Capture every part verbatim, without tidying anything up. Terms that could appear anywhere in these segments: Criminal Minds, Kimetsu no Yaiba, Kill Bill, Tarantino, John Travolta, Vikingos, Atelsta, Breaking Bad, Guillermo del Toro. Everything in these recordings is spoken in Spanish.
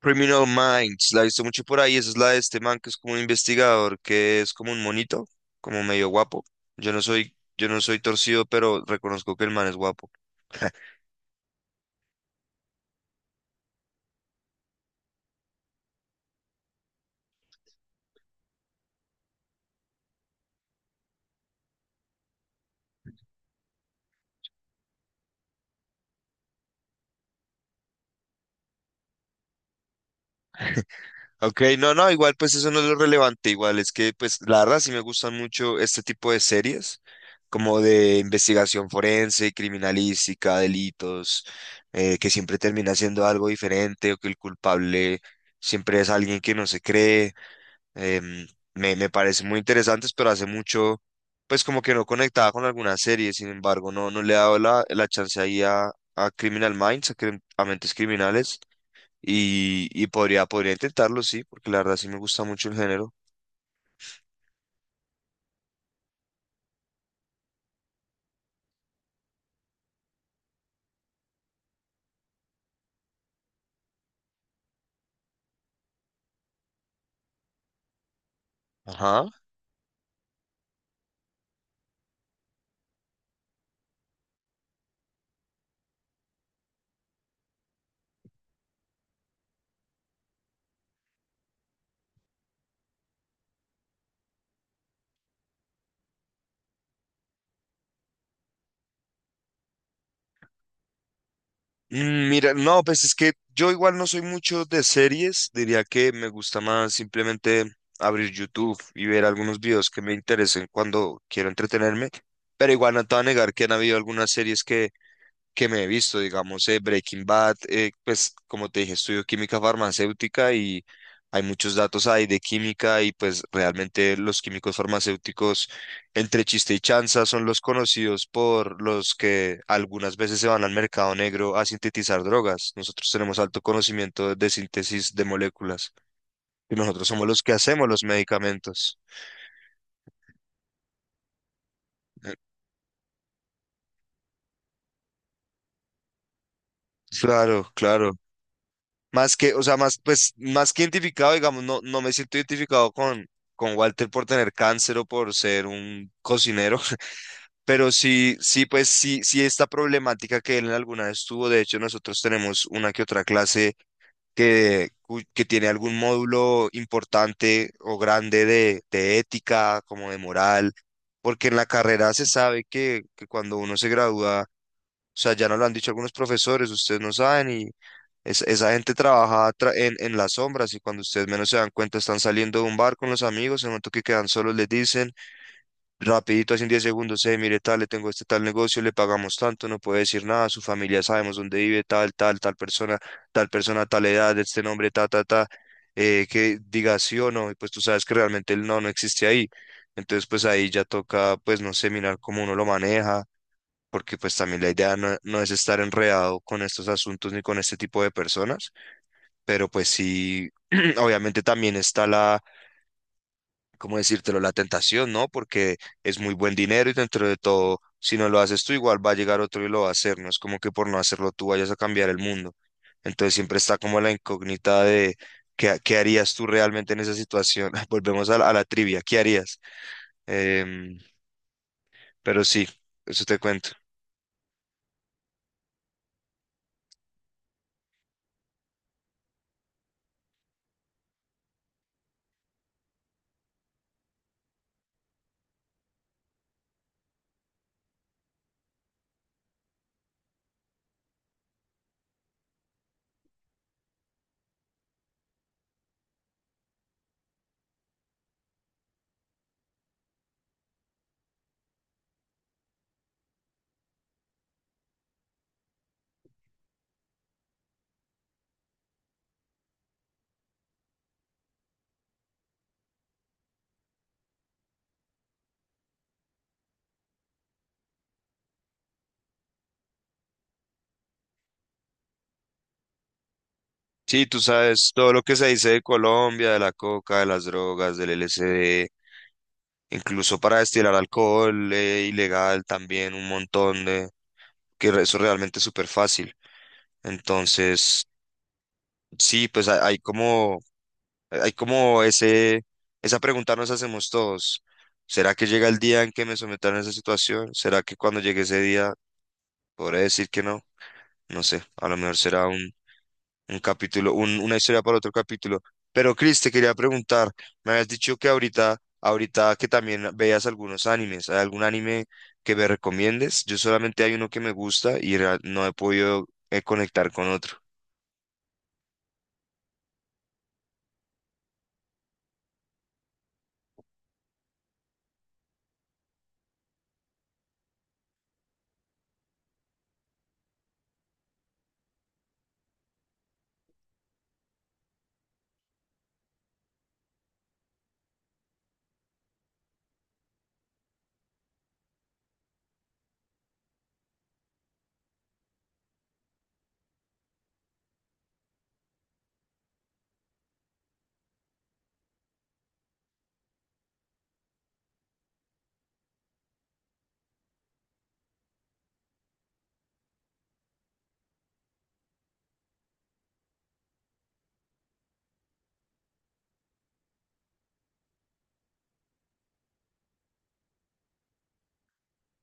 Criminal Minds, la he visto mucho por ahí. Esa es la de este man que es como un investigador, que es como un monito, como medio guapo. Yo no soy, yo no soy torcido, pero reconozco que el man es guapo. Ok, no, no, igual pues eso no es lo relevante. Igual es que pues la verdad sí me gustan mucho este tipo de series, como de investigación forense, criminalística, delitos, eh, que siempre termina siendo algo diferente o que el culpable siempre es alguien que no se cree. Em, me, me parecen muy interesantes, pero hace mucho, pues como que no conectaba con alguna serie, sin embargo, no, no le he dado la, la chance ahí a, a Criminal Minds, a, crim- a Mentes Criminales, y, y podría, podría intentarlo, sí, porque la verdad sí me gusta mucho el género. Ajá. Mm, mira, no, pues es que yo igual no soy mucho de series, diría que me gusta más simplemente abrir YouTube y ver algunos videos que me interesen cuando quiero entretenerme, pero igual no te voy a negar que han habido algunas series que que me he visto, digamos, eh, Breaking Bad, eh, pues como te dije, estudio química farmacéutica y hay muchos datos ahí de química y pues realmente los químicos farmacéuticos, entre chiste y chanza, son los conocidos por los que algunas veces se van al mercado negro a sintetizar drogas. Nosotros tenemos alto conocimiento de síntesis de moléculas y nosotros somos los que hacemos los medicamentos. Eh, Claro, claro. Más que, o sea, más, pues, más que identificado, digamos, no, no me siento identificado con, con Walter por tener cáncer o por ser un cocinero, pero sí, sí, pues, sí, sí, esta problemática que él alguna vez tuvo, de hecho, nosotros tenemos una que otra clase que, cu- que tiene algún módulo importante o grande de, de ética, como de moral, porque en la carrera se sabe que, que cuando uno se gradúa, o sea, ya nos lo han dicho algunos profesores, ustedes no saben y es- esa gente trabaja tra- en, en las sombras y cuando ustedes menos se dan cuenta están saliendo de un bar con los amigos, en el momento que quedan solos les dicen rapidito, así en diez segundos, eh, mire tal, le tengo este tal negocio, le pagamos tanto, no puede decir nada, su familia sabemos dónde vive, tal, tal, tal persona, tal persona, tal edad, este nombre, ta, ta, ta, eh, que diga sí o no y pues tú sabes que realmente el no no existe ahí. Entonces pues ahí ya toca pues no sé mirar cómo uno lo maneja porque pues también la idea no, no es estar enredado con estos asuntos ni con este tipo de personas, pero pues sí, obviamente también está la, ¿cómo decírtelo?, la tentación, ¿no? Porque es muy buen dinero y dentro de todo, si no lo haces tú, igual va a llegar otro y lo va a hacer, no es como que por no hacerlo tú vayas a cambiar el mundo. Entonces siempre está como la incógnita de qué, qué harías tú realmente en esa situación. Volvemos a la, a la trivia, ¿qué harías? Em, pero sí, eso te cuento. Sí, tú sabes todo lo que se dice de Colombia, de la coca, de las drogas, del L S D, incluso para destilar alcohol, eh, ilegal también, un montón de, que re- eso realmente es súper fácil. Entonces, sí, pues hay, hay como, hay como ese, esa pregunta nos hacemos todos. ¿Será que llega el día en que me sometan a esa situación? ¿Será que cuando llegue ese día podré decir que no? No sé, a lo mejor será un Un capítulo, un- una historia para otro capítulo. Pero Chris, te quería preguntar, me habías dicho que ahorita, ahorita que también veas algunos animes, ¿hay algún anime que me recomiendes? Yo solamente hay uno que me gusta y rea- no he podido eh, conectar con otro.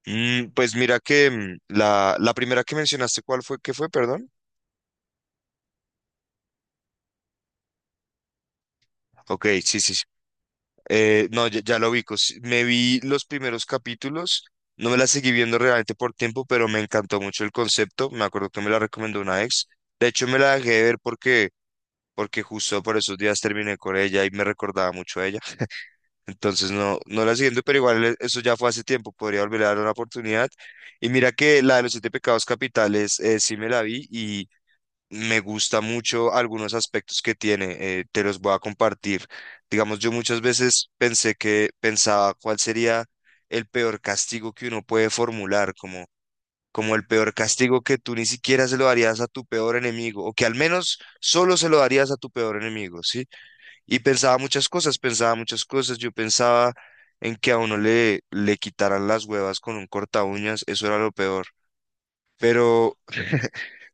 Mm, pues mira que mm, la, la primera que mencionaste, ¿cuál fue? ¿Qué fue? Perdón. Ok, sí, sí, eh, no, ya, ya lo ubico. Sí, me vi los primeros capítulos, no me la seguí viendo realmente por tiempo, pero me encantó mucho el concepto. Me acuerdo que me la recomendó una ex. De hecho, me la dejé de ver porque, porque justo por esos días terminé con ella y me recordaba mucho a ella. Entonces, no, no la siguiendo, pero igual e- eso ya fue hace tiempo. Podría volver a dar una oportunidad. Y mira que la de los siete pecados capitales, eh, sí me la vi me gusta mucho algunos aspectos que tiene, eh, te los voy a compartir. Digamos, yo muchas veces pensé que pensaba cuál sería el peor castigo que uno puede formular, como, como el peor castigo que tú ni siquiera se lo darías a tu peor enemigo, o que al menos solo se lo darías a tu peor enemigo, ¿sí? Y pensaba muchas cosas, pensaba muchas cosas. Yo pensaba en que a uno le, le quitaran las huevas con un corta uñas, eso era lo peor. Pero,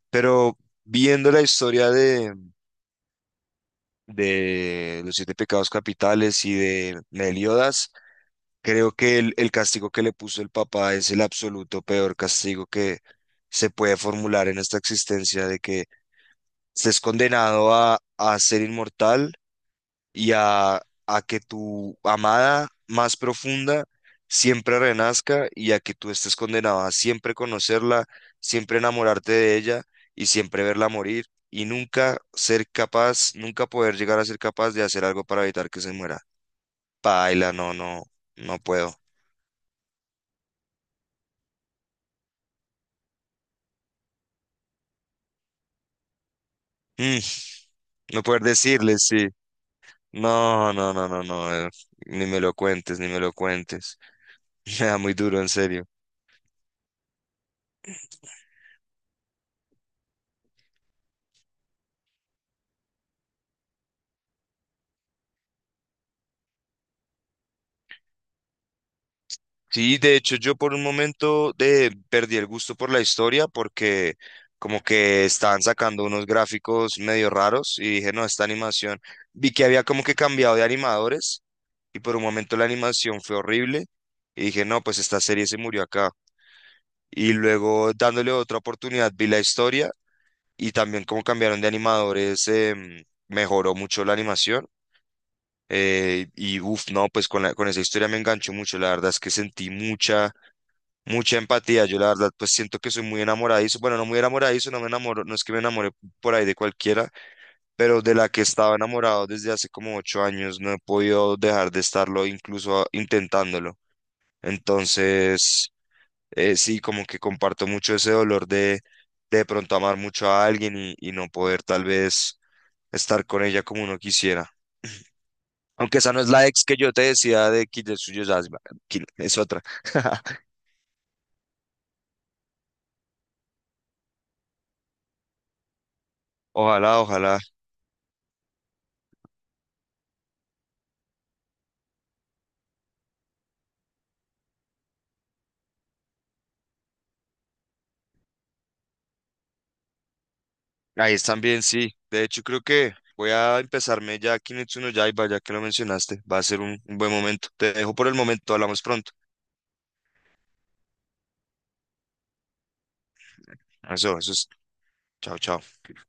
pero viendo la historia de los siete pecados capitales y de Meliodas, creo que el, el castigo que le puso el papá es el absoluto peor castigo que se puede formular en esta existencia de que estés condenado a, a ser inmortal y a, a que tu amada más profunda siempre renazca y a que tú estés condenado a siempre conocerla, siempre enamorarte de ella y siempre verla morir y nunca ser capaz, nunca poder llegar a ser capaz de hacer algo para evitar que se muera. Paila, no, no, no puedo. Mm, no poder decirle, sí. No, no, no, no, no, eh, ni me lo cuentes, ni me lo cuentes. Me da muy duro, en serio. Sí, de hecho yo por un momento eh, perdí el gusto por la historia porque como que estaban sacando unos gráficos medio raros y dije, no, esta animación. Vi que había como que cambiado de animadores y por un momento la animación fue horrible y dije, no, pues esta serie se murió acá. Y luego dándole otra oportunidad vi la historia y también como cambiaron de animadores em, mejoró mucho la animación. Eh, y uff, no, pues con la- con esa historia me enganchó mucho. La verdad es que sentí mucha mucha empatía. Yo la verdad, pues siento que soy muy enamoradizo. Bueno, no muy enamoradizo, no me enamoro, no es que me enamore por ahí de cualquiera, pero de la que estaba enamorado desde hace como ocho años, no he podido dejar de estarlo, incluso a- intentándolo. Entonces, eh, sí, como que comparto mucho ese dolor de de pronto amar mucho a alguien y, y no poder tal vez estar con ella como uno quisiera. Aunque esa no es la ex que yo te decía de Kitetsu no Yaiba, Ki- es otra. Ojalá, ojalá. Ahí están bien, sí. De hecho, creo que voy a empezarme ya Kimetsu no Yaiba, ya que lo mencionaste. Va a ser un, un buen momento. Te dejo por el momento, hablamos pronto. Eso, eso es. Chao, chao.